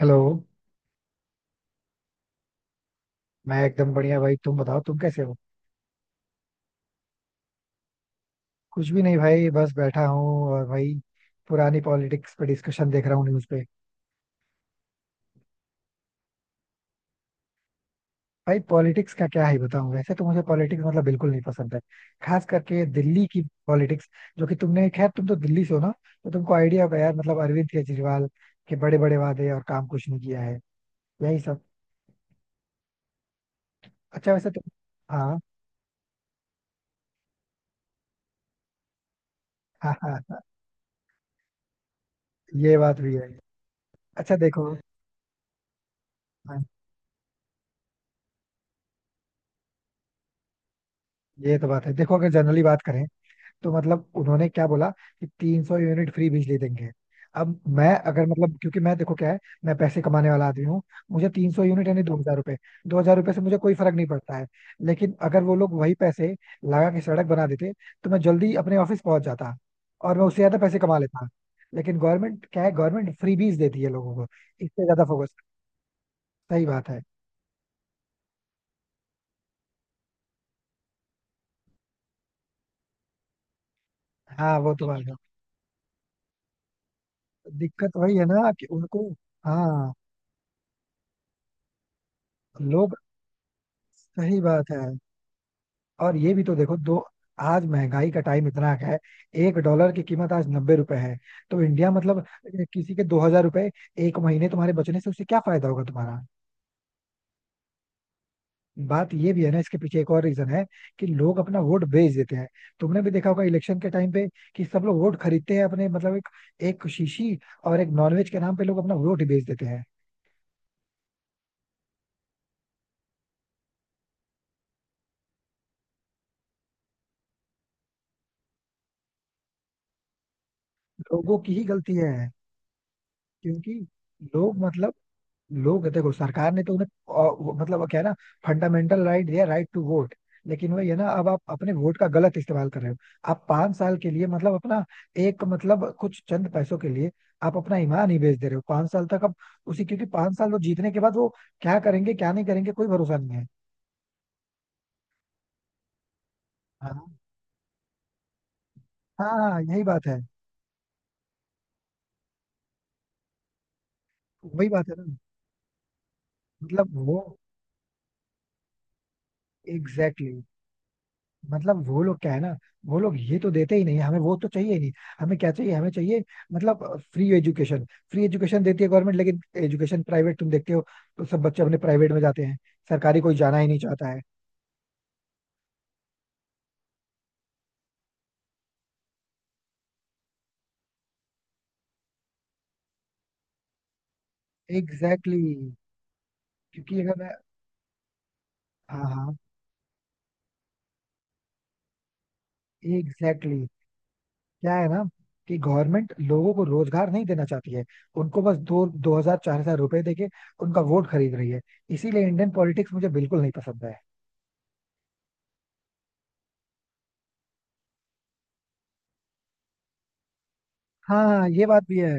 Hello. मैं एकदम बढ़िया भाई, तुम बताओ तुम कैसे हो। कुछ भी नहीं भाई, बस बैठा हूँ और भाई पुरानी पॉलिटिक्स पे डिस्कशन देख रहा हूँ न्यूज़ पे। भाई पॉलिटिक्स का क्या ही बताऊँ, वैसे तो मुझे पॉलिटिक्स मतलब बिल्कुल नहीं पसंद है, खास करके दिल्ली की पॉलिटिक्स। जो कि तुमने, खैर तुम तो दिल्ली से हो ना, तो तुमको आइडिया होगा यार, मतलब अरविंद केजरीवाल के बड़े बड़े वादे और काम कुछ नहीं किया है, यही सब। अच्छा वैसे तुम। हाँ। हाँ हाँ हाँ, ये बात भी है। अच्छा देखो। हाँ, ये तो बात है। देखो अगर जनरली बात करें तो मतलब उन्होंने क्या बोला कि 300 यूनिट फ्री बिजली देंगे। अब मैं अगर मतलब क्योंकि मैं देखो क्या है, मैं पैसे कमाने वाला आदमी हूँ। मुझे तीन सौ यूनिट यानी 2,000 रुपए, 2,000 रुपए से मुझे कोई फर्क नहीं पड़ता है। लेकिन अगर वो लोग वही पैसे लगा के सड़क बना देते तो मैं जल्दी अपने ऑफिस पहुंच जाता और मैं उससे ज्यादा पैसे कमा लेता। लेकिन गवर्नमेंट क्या है, गवर्नमेंट फ्रीबीज देती है लोगों को, इससे ज्यादा फोकस। सही बात है। हाँ वो तो बात है। दिक्कत वही है ना कि उनको। हाँ। लोग। सही बात है। और ये भी तो देखो दो, आज महंगाई का टाइम इतना है। एक डॉलर की कीमत आज 90 रुपए है। तो इंडिया मतलब किसी के 2,000 रुपए एक महीने तुम्हारे बचने से उससे क्या फायदा होगा तुम्हारा। बात ये भी है ना, इसके पीछे एक और रीजन है कि लोग अपना वोट बेच देते हैं। तुमने भी देखा होगा इलेक्शन के टाइम पे कि सब लोग वोट खरीदते हैं अपने, मतलब एक एक शीशी और एक नॉनवेज के नाम पे लोग अपना वोट ही बेच देते हैं। लोगों की ही गलती है क्योंकि लोग मतलब लोग देखो, सरकार ने तो उन्हें मतलब वो क्या है ना, फंडामेंटल राइट दिया, राइट टू वोट। लेकिन वही है ना, अब आप अपने वोट का गलत इस्तेमाल कर रहे हो। आप 5 साल के लिए मतलब अपना, एक मतलब कुछ चंद पैसों के लिए आप अपना ईमान ही बेच दे रहे हो, 5 साल तक आप उसी क्योंकि 5 साल वो जीतने के बाद वो क्या करेंगे क्या नहीं करेंगे कोई भरोसा नहीं है। हाँ हाँ हाँ, यही बात है। वही बात है ना, मतलब वो, एग्जैक्टली, मतलब वो लोग क्या है ना, वो लोग ये तो देते ही नहीं है, हमें वो तो चाहिए ही नहीं। हमें क्या चाहिए, हमें चाहिए मतलब फ्री एजुकेशन। फ्री एजुकेशन देती है गवर्नमेंट, लेकिन एजुकेशन प्राइवेट तुम देखते हो, तो सब बच्चे अपने प्राइवेट में जाते हैं, सरकारी कोई जाना ही नहीं चाहता है। Exactly exactly। क्योंकि अगर मैं, हाँ हाँ, एग्जैक्टली exactly। क्या है ना कि गवर्नमेंट लोगों को रोजगार नहीं देना चाहती है, उनको बस दो दो हजार 4,000 रुपए देके उनका वोट खरीद रही है। इसीलिए इंडियन पॉलिटिक्स मुझे बिल्कुल नहीं पसंद है। हाँ हाँ, ये बात भी है।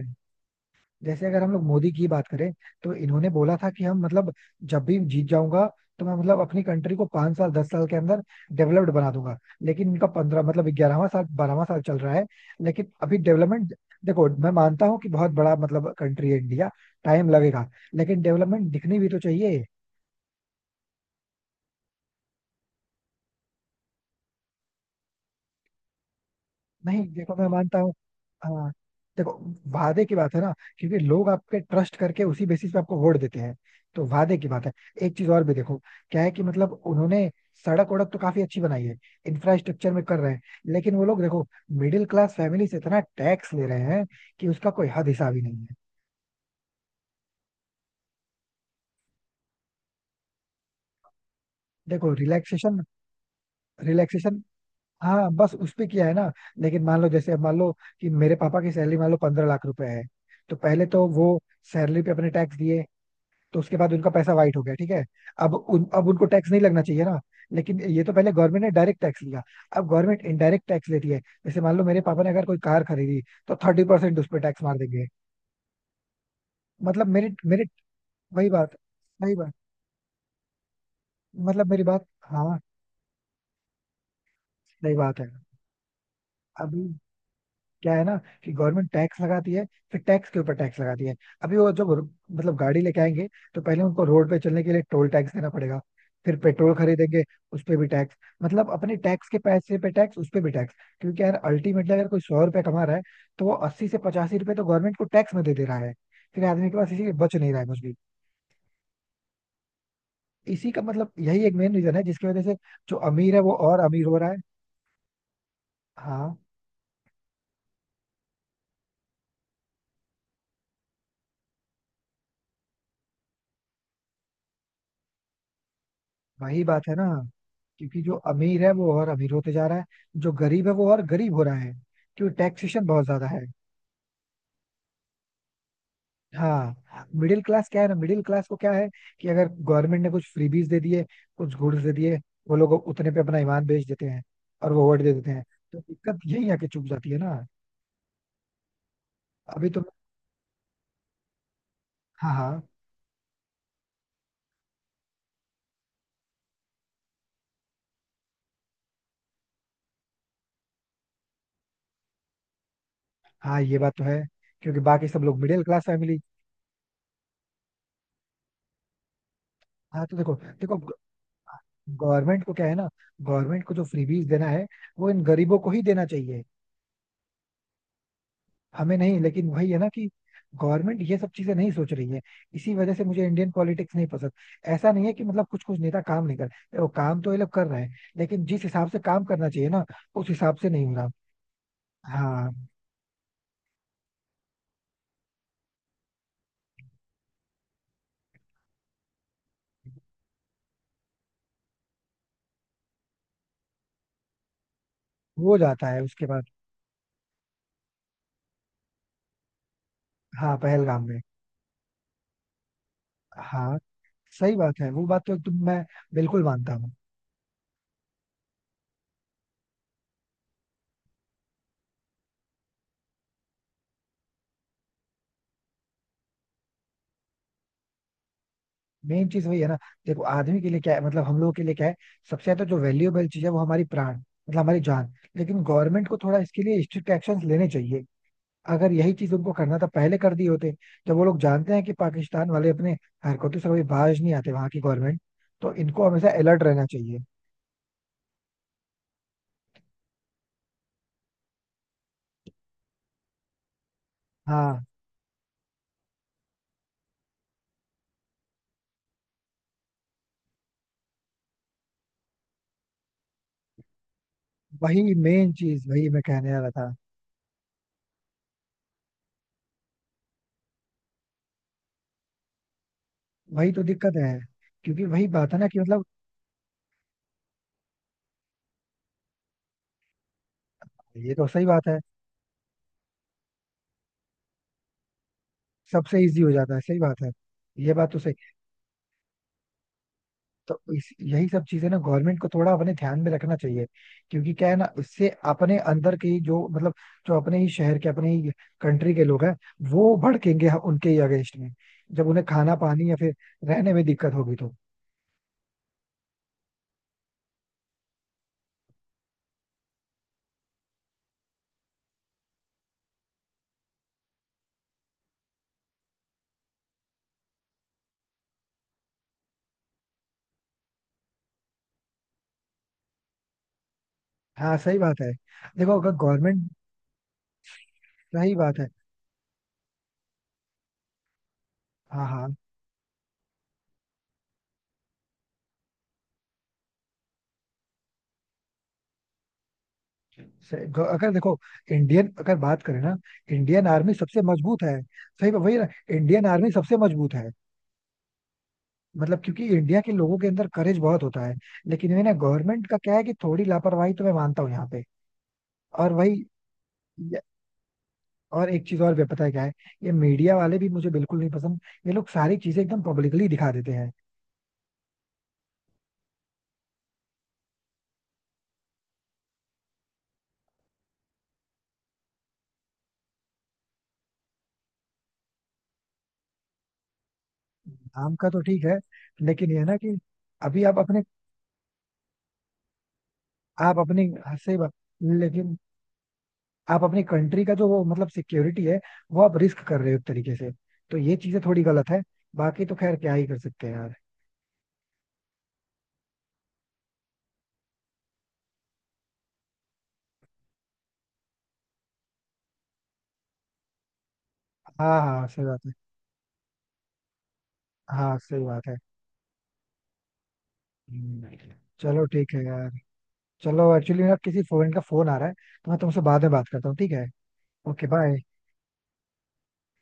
जैसे अगर हम लोग मोदी की बात करें तो इन्होंने बोला था कि हम मतलब जब भी जीत जाऊंगा तो मैं मतलब अपनी कंट्री को 5 साल 10 साल के अंदर डेवलप्ड बना दूंगा। लेकिन इनका 15, मतलब 11वां साल 12वां साल चल रहा है, लेकिन अभी डेवलपमेंट। देखो मैं मानता हूँ कि बहुत बड़ा मतलब कंट्री है इंडिया, टाइम लगेगा। लेकिन डेवलपमेंट दिखनी भी तो चाहिए। नहीं देखो मैं मानता हूँ। हाँ। देखो, वादे की बात है ना, क्योंकि लोग आप पे ट्रस्ट करके उसी बेसिस पे आपको वोट देते हैं, तो वादे की बात है। एक चीज और भी देखो, क्या है कि मतलब उन्होंने सड़क वड़क तो काफी अच्छी बनाई है, इंफ्रास्ट्रक्चर में कर रहे हैं। लेकिन वो लोग देखो, मिडिल क्लास फैमिली से इतना टैक्स ले रहे हैं कि उसका कोई हद हिसाब ही नहीं है। देखो रिलैक्सेशन, रिलैक्सेशन, हाँ बस उस पे किया है ना। लेकिन मान लो, जैसे अब मान लो कि मेरे पापा की सैलरी मान लो 15 लाख रुपए है, तो पहले तो वो सैलरी पे अपने टैक्स दिए, तो उसके बाद उनका पैसा वाइट हो गया, ठीक है। अब उनको टैक्स नहीं लगना चाहिए ना। लेकिन ये तो पहले गवर्नमेंट ने डायरेक्ट टैक्स लिया, अब गवर्नमेंट इनडायरेक्ट टैक्स लेती है। जैसे मान लो मेरे पापा ने अगर कोई कार खरीदी, तो 30% उस पर टैक्स मार देंगे। मतलब मेरे मेरे वही बात, वही बात, मतलब मेरी बात, हाँ सही बात है। अभी क्या है ना कि गवर्नमेंट टैक्स लगाती है, फिर टैक्स के ऊपर टैक्स लगाती है। अभी वो जब मतलब गाड़ी लेके आएंगे, तो पहले उनको रोड पे चलने के लिए टोल टैक्स देना पड़ेगा, फिर पेट्रोल खरीदेंगे, उस पे भी टैक्स। मतलब अपने टैक्स के पैसे पे टैक्स, उस पे भी टैक्स। क्योंकि यार अल्टीमेटली अगर कोई 100 रुपए कमा रहा है तो वो 80 से 85 रुपए तो गवर्नमेंट को टैक्स में दे दे रहा है, फिर आदमी के पास इसी के बच नहीं रहा है कुछ भी। इसी का मतलब यही एक मेन रीजन है जिसकी वजह से जो अमीर है वो और अमीर हो रहा है। हाँ, वही बात है ना, क्योंकि जो अमीर है वो और अमीर होते जा रहा है, जो गरीब है वो और गरीब हो रहा है, क्योंकि टैक्सेशन बहुत ज्यादा है। हाँ, मिडिल क्लास क्या है ना, मिडिल क्लास को क्या है कि अगर गवर्नमेंट ने कुछ फ्रीबीज दे दिए, कुछ गुड्स दे दिए, वो लोग उतने पे अपना ईमान बेच देते हैं और वो वोट दे देते हैं। तो दिक्कत यही आके चुप जाती है ना। अभी तो, हाँ हाँ हाँ, ये बात तो है। क्योंकि बाकी सब लोग मिडिल क्लास फैमिली। हाँ तो देखो, देखो गवर्नमेंट को क्या है ना, गवर्नमेंट को जो फ्रीबीज देना है वो इन गरीबों को ही देना चाहिए, हमें नहीं। लेकिन वही है ना कि गवर्नमेंट ये सब चीजें नहीं सोच रही है, इसी वजह से मुझे इंडियन पॉलिटिक्स नहीं पसंद। ऐसा नहीं है कि मतलब कुछ कुछ नेता काम नहीं कर रहे, वो काम तो ये लोग कर रहे हैं लेकिन जिस हिसाब से काम करना चाहिए ना, उस हिसाब से नहीं हो रहा। हाँ, हो जाता है उसके बाद। हाँ, पहलगाम में। हाँ सही बात है, वो बात तो एकदम मैं बिल्कुल मानता हूँ। मेन चीज वही है ना, देखो आदमी के लिए क्या है, मतलब हम लोगों के लिए क्या है, सबसे ज्यादा जो वैल्यूएबल चीज है वो हमारी प्राण मतलब हमारी जान, लेकिन गवर्नमेंट को थोड़ा इसके लिए स्ट्रिक्ट एक्शन लेने चाहिए। अगर यही चीज उनको करना था पहले कर दिए होते। जब वो लोग जानते हैं कि पाकिस्तान वाले अपने हरकतों से कभी बाज नहीं आते वहां की गवर्नमेंट, तो इनको हमेशा अलर्ट रहना चाहिए। हाँ, वही मेन चीज वही मैं कहने वाला था। वही तो दिक्कत है। क्योंकि वही बात है ना कि मतलब, ये तो सही बात है। सबसे इजी हो जाता है, सही बात है, ये बात तो सही है। तो इस यही सब चीजें ना गवर्नमेंट को थोड़ा अपने ध्यान में रखना चाहिए। क्योंकि क्या है ना, इससे अपने अंदर के ही जो मतलब जो अपने ही शहर के अपने ही कंट्री के लोग हैं वो भड़केंगे उनके ही अगेंस्ट में, जब उन्हें खाना पानी या फिर रहने में दिक्कत होगी तो। हाँ सही बात है। देखो अगर गवर्नमेंट, सही बात है, हाँ हाँ अगर देखो, इंडियन अगर बात करें ना, इंडियन आर्मी सबसे मजबूत है, वही ना। इंडियन आर्मी सबसे मजबूत है। मतलब क्योंकि इंडिया के लोगों के अंदर करेज बहुत होता है, लेकिन ये ना गवर्नमेंट का क्या है कि थोड़ी लापरवाही तो मैं मानता हूँ यहाँ पे। और वही, और एक चीज और भी पता है क्या है, ये मीडिया वाले भी मुझे बिल्कुल नहीं पसंद, ये लोग सारी चीजें एकदम पब्लिकली दिखा देते हैं। नाम का तो ठीक है लेकिन ये है ना कि अभी आप अपने से लेकिन आप अपनी कंट्री का जो वो मतलब सिक्योरिटी है, वो आप रिस्क कर रहे हो एक तरीके से, तो ये चीजें थोड़ी गलत है, बाकी तो खैर क्या ही कर सकते हैं यार। हाँ हाँ सही बात है। हाँ सही बात है। हम्म, चलो ठीक है यार, चलो एक्चुअली ना किसी फ्रेंड का फोन आ रहा है, तो मैं तुमसे बाद में बात करता हूँ, ठीक है। Okay bye.